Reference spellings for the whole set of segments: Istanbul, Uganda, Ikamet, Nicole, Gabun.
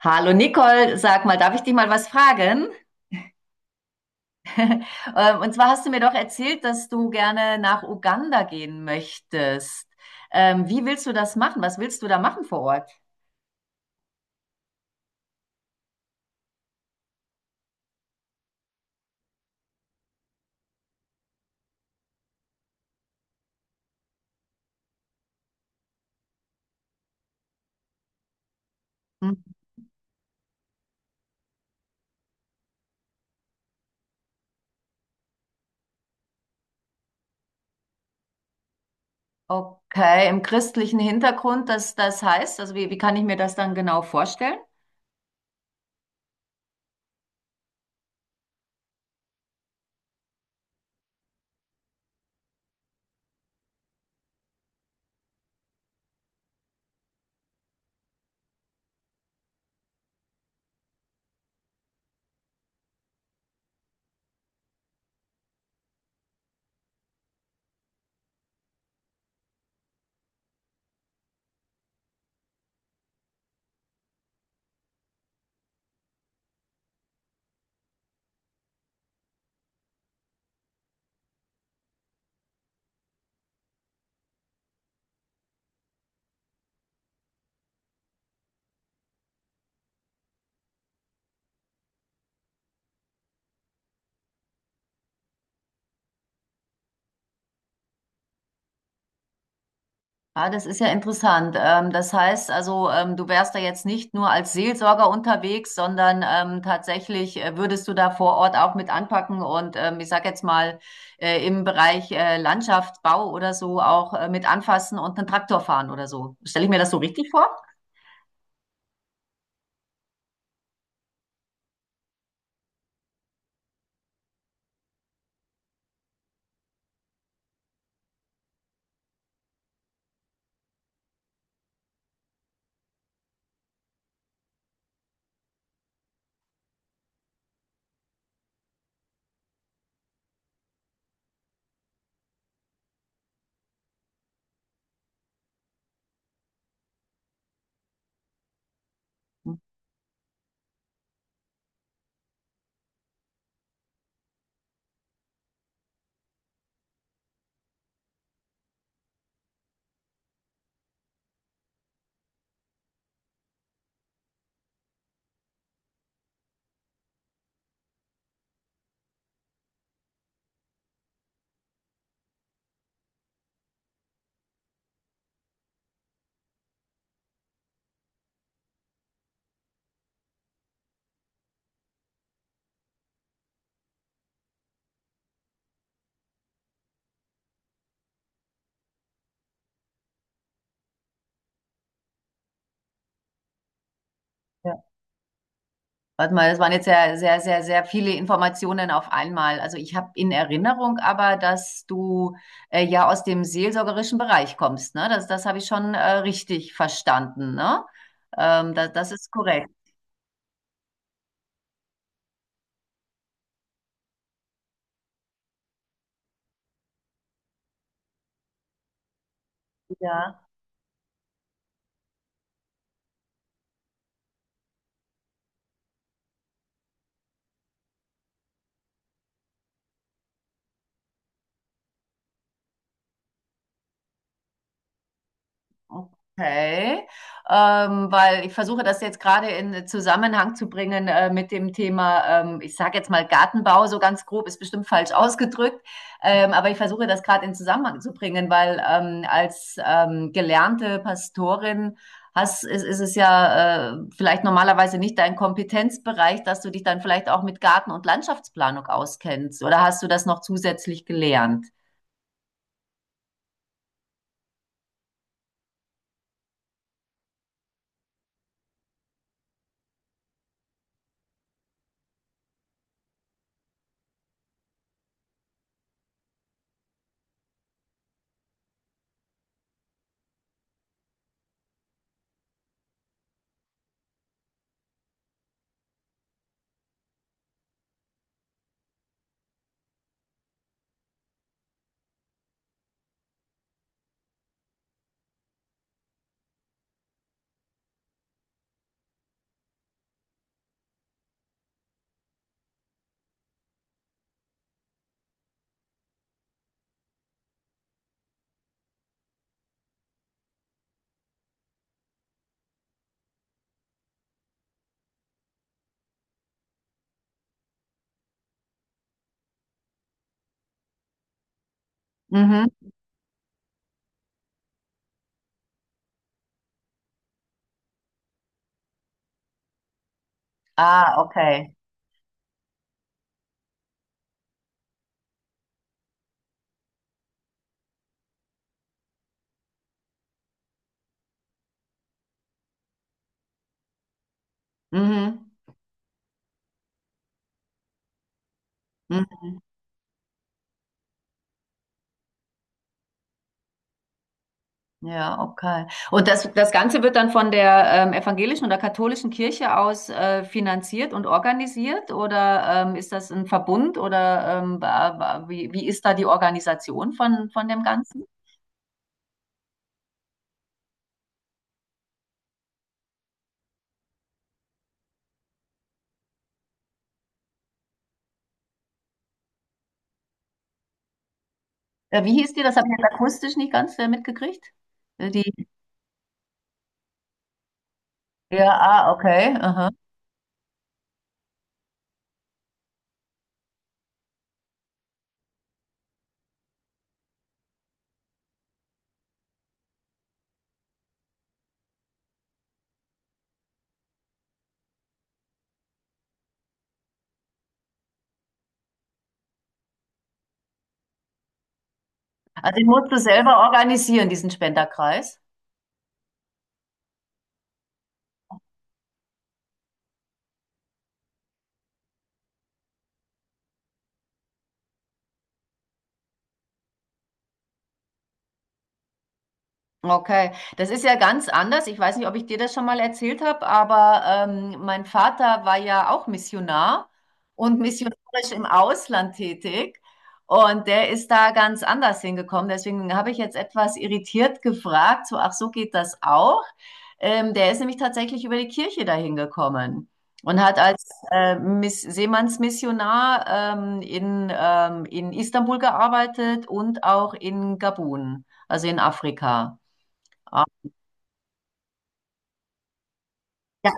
Hallo Nicole, sag mal, darf ich dich mal was fragen? Und zwar hast du mir doch erzählt, dass du gerne nach Uganda gehen möchtest. Wie willst du das machen? Was willst du da machen vor Ort? Hm. Okay, im christlichen Hintergrund, das heißt, also wie kann ich mir das dann genau vorstellen? Ah, das ist ja interessant. Das heißt also, du wärst da jetzt nicht nur als Seelsorger unterwegs, sondern tatsächlich würdest du da vor Ort auch mit anpacken und ich sag jetzt mal im Bereich Landschaftsbau oder so auch mit anfassen und einen Traktor fahren oder so. Stelle ich mir das so richtig vor? Warte mal, das waren jetzt sehr, sehr, sehr, sehr viele Informationen auf einmal. Also ich habe in Erinnerung aber, dass du ja aus dem seelsorgerischen Bereich kommst, ne? Das habe ich schon richtig verstanden, ne? Das ist korrekt. Ja. Okay, weil ich versuche das jetzt gerade in Zusammenhang zu bringen mit dem Thema, ich sage jetzt mal Gartenbau, so ganz grob, ist bestimmt falsch ausgedrückt, aber ich versuche das gerade in Zusammenhang zu bringen, weil als gelernte Pastorin hast, ist es ja vielleicht normalerweise nicht dein Kompetenzbereich, dass du dich dann vielleicht auch mit Garten- und Landschaftsplanung auskennst, oder hast du das noch zusätzlich gelernt? Mhm. Ah, okay. Mhm. Mhm. Ja, okay. Und das, das Ganze wird dann von der evangelischen oder katholischen Kirche aus finanziert und organisiert? Oder ist das ein Verbund? Oder wie ist da die Organisation von dem Ganzen? Wie hieß die? Das habe ich jetzt akustisch nicht ganz mitgekriegt. Die, ja, ah, okay. Aha. Also den musst du selber organisieren, diesen Spenderkreis. Okay, das ist ja ganz anders. Ich weiß nicht, ob ich dir das schon mal erzählt habe, aber mein Vater war ja auch Missionar und missionarisch im Ausland tätig. Und der ist da ganz anders hingekommen. Deswegen habe ich jetzt etwas irritiert gefragt, so, ach, so geht das auch. Der ist nämlich tatsächlich über die Kirche dahin gekommen und hat als Miss Seemannsmissionar in Istanbul gearbeitet und auch in Gabun, also in Afrika. Ja,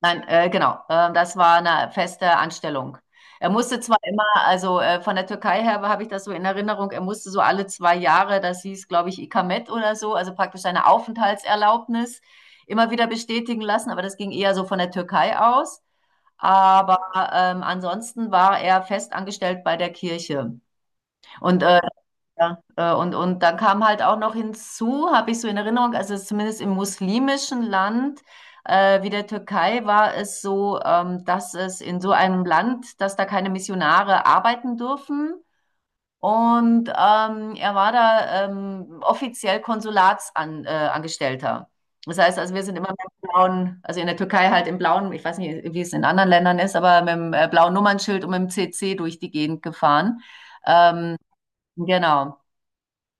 nein, genau. Das war eine feste Anstellung. Er musste zwar immer, also von der Türkei her habe ich das so in Erinnerung, er musste so alle zwei Jahre, das hieß, glaube ich, Ikamet oder so, also praktisch seine Aufenthaltserlaubnis immer wieder bestätigen lassen, aber das ging eher so von der Türkei aus. Aber ansonsten war er fest angestellt bei der Kirche. Und ja, und dann kam halt auch noch hinzu, habe ich so in Erinnerung, also zumindest im muslimischen Land wie der Türkei war es so, dass es in so einem Land, dass da keine Missionare arbeiten dürfen. Und er war da offiziell Konsulatsangestellter. Angestellter. Das heißt, also wir sind immer mit dem blauen, also in der Türkei halt im blauen, ich weiß nicht, wie es in anderen Ländern ist, aber mit dem blauen Nummernschild und mit dem CC durch die Gegend gefahren. Ähm, genau.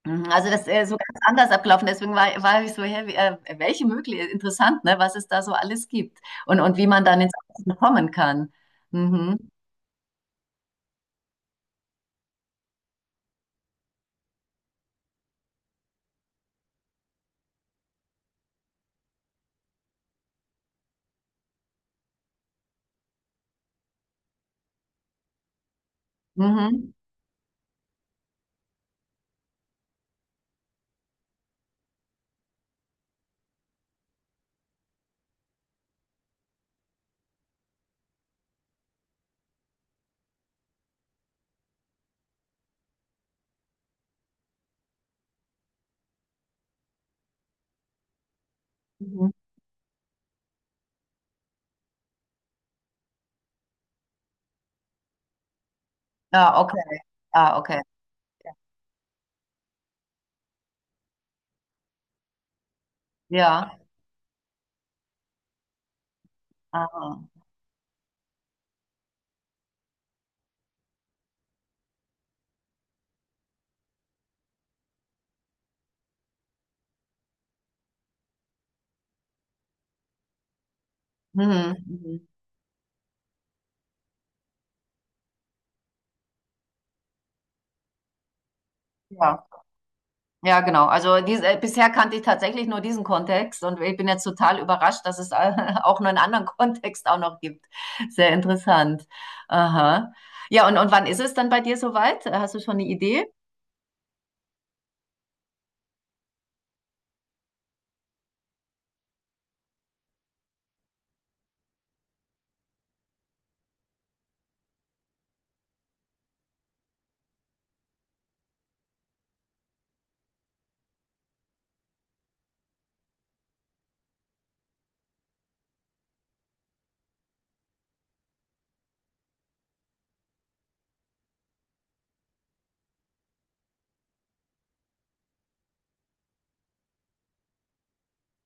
Mhm, also, so ganz anders abgelaufen. Deswegen war ich so: „Hä, wie welche mögli interessant, ne, was es da so alles gibt und wie man dann ins Außen kommen kann. Mhm. Mhm. Mhm. Ja, okay. Ah, okay. Ja. Ah. Mhm. Mhm. Ja. Ja, genau. Also, diese bisher kannte ich tatsächlich nur diesen Kontext und ich bin jetzt total überrascht, dass es auch nur 'nen anderen Kontext auch noch gibt. Sehr interessant. Aha. Ja, und wann ist es dann bei dir soweit? Hast du schon eine Idee?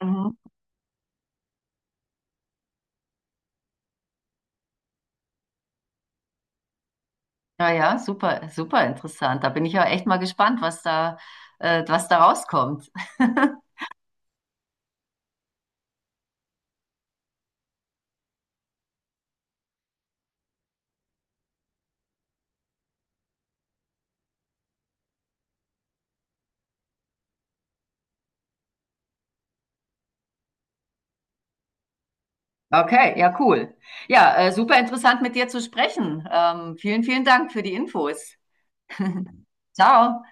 Mhm. Ja, ja, super, super interessant. Da bin ich ja echt mal gespannt, was da rauskommt. Okay, ja, cool. Ja, super interessant mit dir zu sprechen. Vielen, vielen Dank für die Infos. Ciao.